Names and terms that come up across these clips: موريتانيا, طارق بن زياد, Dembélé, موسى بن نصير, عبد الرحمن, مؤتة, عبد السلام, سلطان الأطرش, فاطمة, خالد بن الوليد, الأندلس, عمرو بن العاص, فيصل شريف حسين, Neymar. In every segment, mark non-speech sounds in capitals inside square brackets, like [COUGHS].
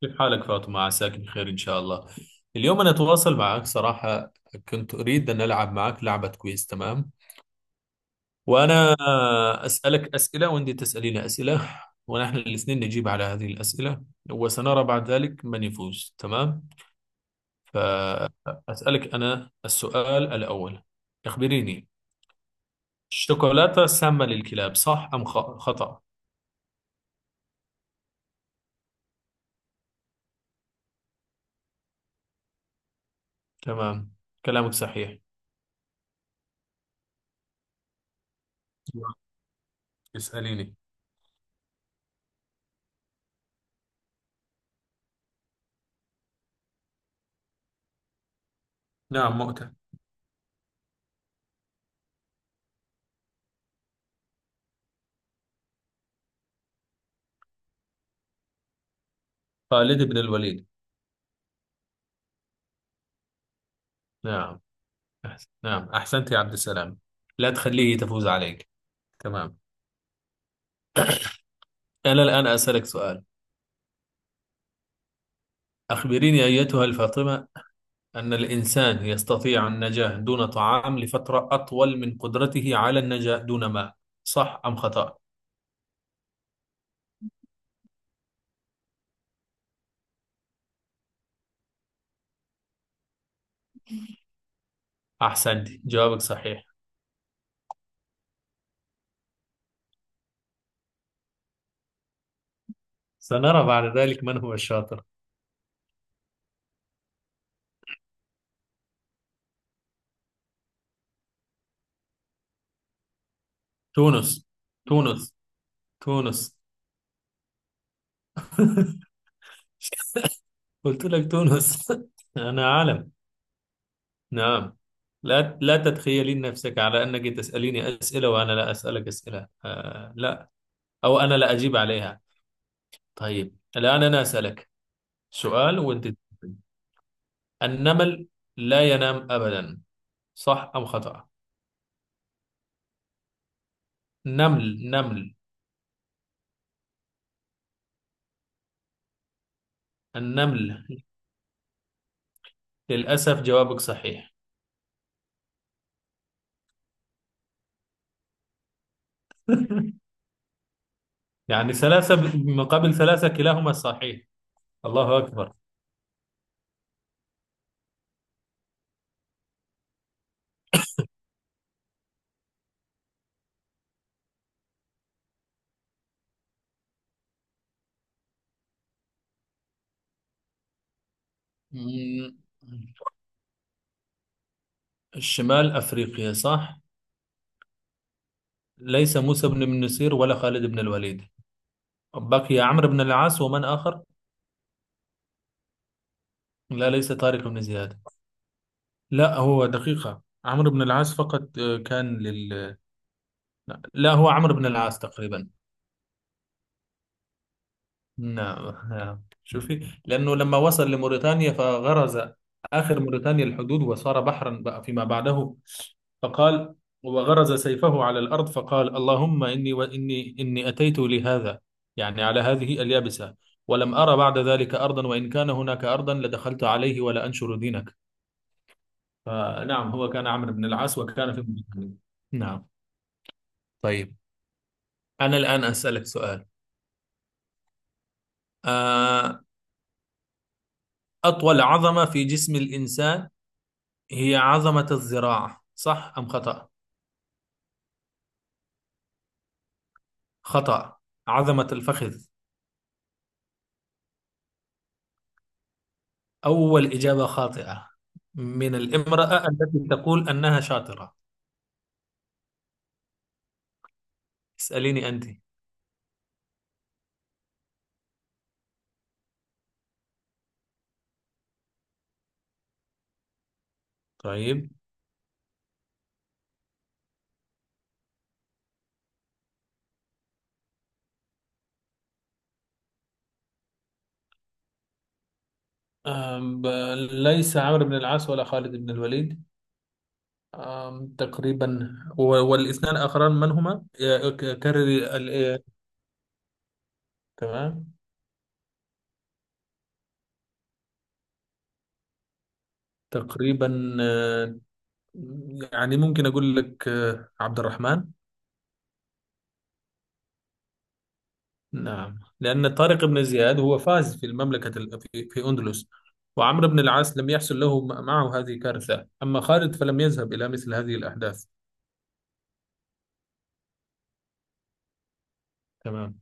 كيف حالك فاطمة؟ عساك بخير إن شاء الله. اليوم أنا أتواصل معك صراحة، كنت أريد أن ألعب معك لعبة. كويس، تمام. وأنا أسألك أسئلة وأنت تسألين أسئلة، ونحن الاثنين نجيب على هذه الأسئلة، وسنرى بعد ذلك من يفوز. تمام. فأسألك أنا السؤال الأول، أخبريني، الشوكولاتة سامة للكلاب، صح أم خطأ؟ تمام، كلامك صحيح. اسأليني. نعم، مؤتة. خالد بن الوليد. نعم، أحسن. نعم، أحسنت يا عبد السلام، لا تخليه تفوز عليك. تمام، أنا الآن أسألك سؤال، أخبريني أيتها الفاطمة، أن الإنسان يستطيع النجاة دون طعام لفترة أطول من قدرته على النجاة دون ماء، صح أم خطأ؟ أحسنت، جوابك صحيح. سنرى بعد ذلك من هو الشاطر. تونس. تونس. تونس. [LAUGHS] قلت لك تونس. [LAUGHS] أنا عالم. نعم. لا، لا تتخيلين نفسك على أنك تسأليني أسئلة وأنا لا أسألك أسئلة، لا، أو أنا لا أجيب عليها. طيب الآن أنا أسألك سؤال وأنت تجيبين. النمل لا ينام أبدا، صح أم خطأ؟ نمل، النمل. للأسف جوابك صحيح. [LAUGHS] يعني 3 مقابل 3، كلاهما صحيح. الله أكبر. مم، شمال أفريقيا، صح؟ ليس موسى بن نصير ولا خالد بن الوليد. بقي عمرو بن العاص ومن آخر. لا، ليس طارق بن زياد. لا، هو دقيقة، عمرو بن العاص فقط، كان لل. لا، هو عمرو بن العاص تقريبا. نعم نعم، شوفي، لأنه لما وصل لموريتانيا فغرز، آخر موريتانيا الحدود وصار بحرا بقى فيما بعده. فقال، وغرز سيفه على الأرض فقال: اللهم إني، وإني إني أتيت لهذا، يعني على هذه اليابسة، ولم أرى بعد ذلك أرضا، وإن كان هناك أرضا لدخلت عليه ولا أنشر دينك. فنعم، هو كان عمرو بن العاص وكان في مدينة. نعم. طيب أنا الآن أسألك سؤال، آه، أطول عظمة في جسم الإنسان هي عظمة الذراع، صح أم خطأ؟ خطأ، عظمة الفخذ. أول إجابة خاطئة، من الامرأة التي تقول أنها شاطرة. اسأليني أنت. طيب. آم، ب- ليس عمرو بن العاص ولا خالد بن الوليد. تقريبا، والاثنان الآخران من هما؟ كرر. ال- آه، تمام. تقريبا، يعني ممكن أقول لك عبد الرحمن. نعم، لأن طارق بن زياد هو فاز في المملكة في أندلس. وعمرو بن العاص لم يحصل له معه هذه كارثة، أما خالد فلم يذهب إلى مثل هذه الأحداث. تمام.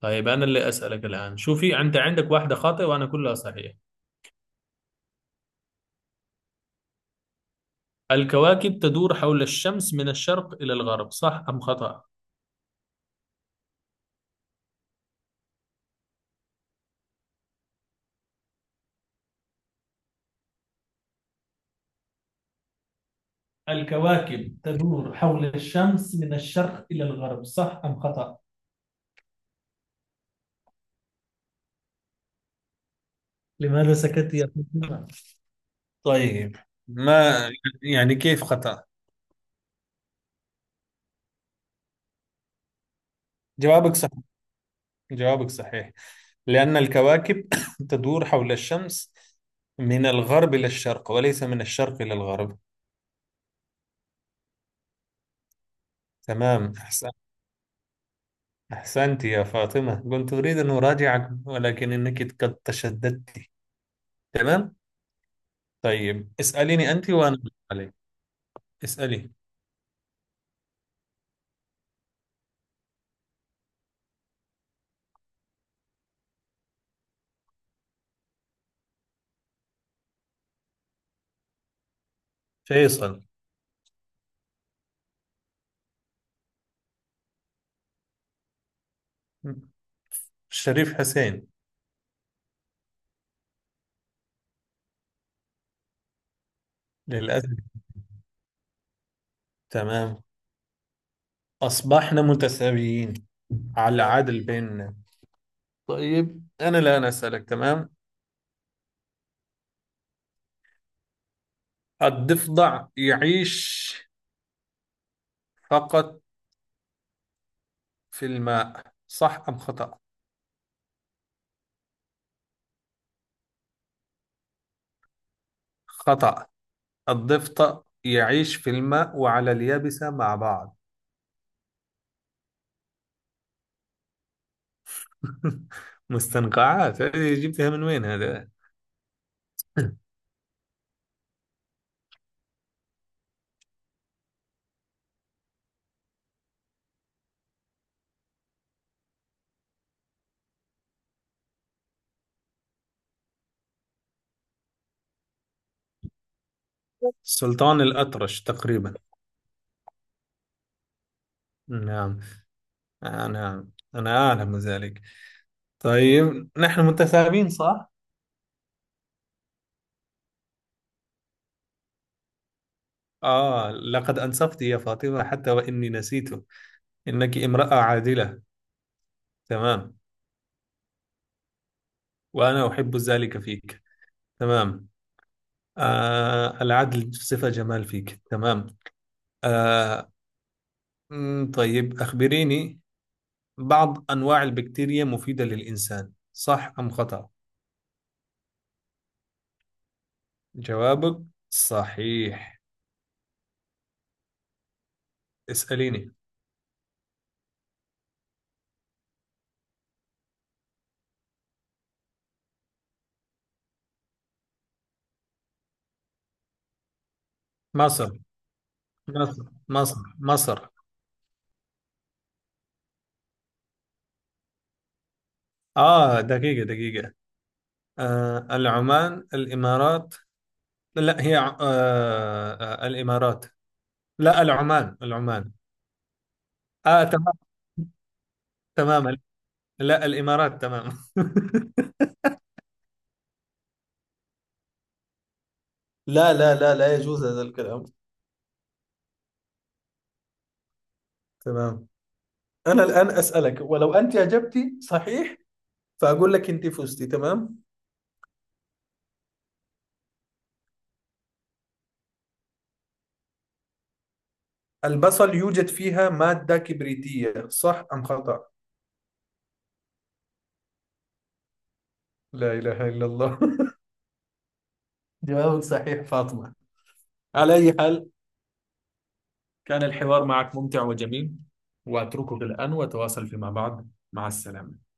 طيب أنا اللي أسألك الآن، شوفي أنت عندك واحدة خاطئة وأنا كلها صحيح. الكواكب تدور حول الشمس من الشرق إلى الغرب، صح أم خطأ؟ الكواكب تدور حول الشمس من الشرق إلى الغرب، صح أم خطأ؟ لماذا سكت يا فاطمة؟ طيب، ما، يعني كيف خطأ؟ جوابك صحيح، جوابك صحيح، لأن الكواكب [COUGHS] تدور حول الشمس من الغرب إلى الشرق وليس من الشرق إلى الغرب. تمام، أحسن. أحسنت يا فاطمة، كنت أريد أن أراجعك ولكن إنك قد تشددت. تمام. طيب اسأليني أنت وأنا أرد عليك. اسألي. فيصل. شريف حسين. للأسف. تمام، أصبحنا متساويين، على العدل بيننا. طيب أنا الآن أسألك، تمام، الضفدع يعيش فقط في الماء، صح أم خطأ؟ خطأ، الضفدع يعيش في الماء وعلى اليابسة مع بعض. [LAUGHS] مستنقعات، هذه جبتها من وين هذا؟ [LAUGHS] سلطان الأطرش تقريبا. نعم، نعم، أنا أعلم ذلك. طيب نحن متساوين صح؟ آه لقد أنصفت يا فاطمة حتى وإني نسيت. إنك امرأة عادلة. تمام. وأنا أحب ذلك فيك. تمام. آه، العدل صفة جمال فيك. تمام. آه طيب أخبريني، بعض أنواع البكتيريا مفيدة للإنسان، صح أم خطأ؟ جوابك صحيح. اسأليني. مصر. مصر. مصر. مصر. آه، دقيقة دقيقة. آه، العمان، الإمارات. لا، هي الإمارات. لا، العمان، العمان. آه، تمام. تمام. لا، الإمارات. تمام. [LAUGHS] لا لا لا لا، يجوز هذا الكلام. تمام، أنا الآن أسألك، ولو أنت أجبتي صحيح فأقول لك أنت فزتي. تمام. البصل يوجد فيها مادة كبريتية، صح أم خطأ؟ لا إله إلا الله. [LAUGHS] جوابك صحيح فاطمة. على أي حال، كان الحوار معك ممتع وجميل، وأتركك الآن، وتواصل فيما بعد. مع السلامة.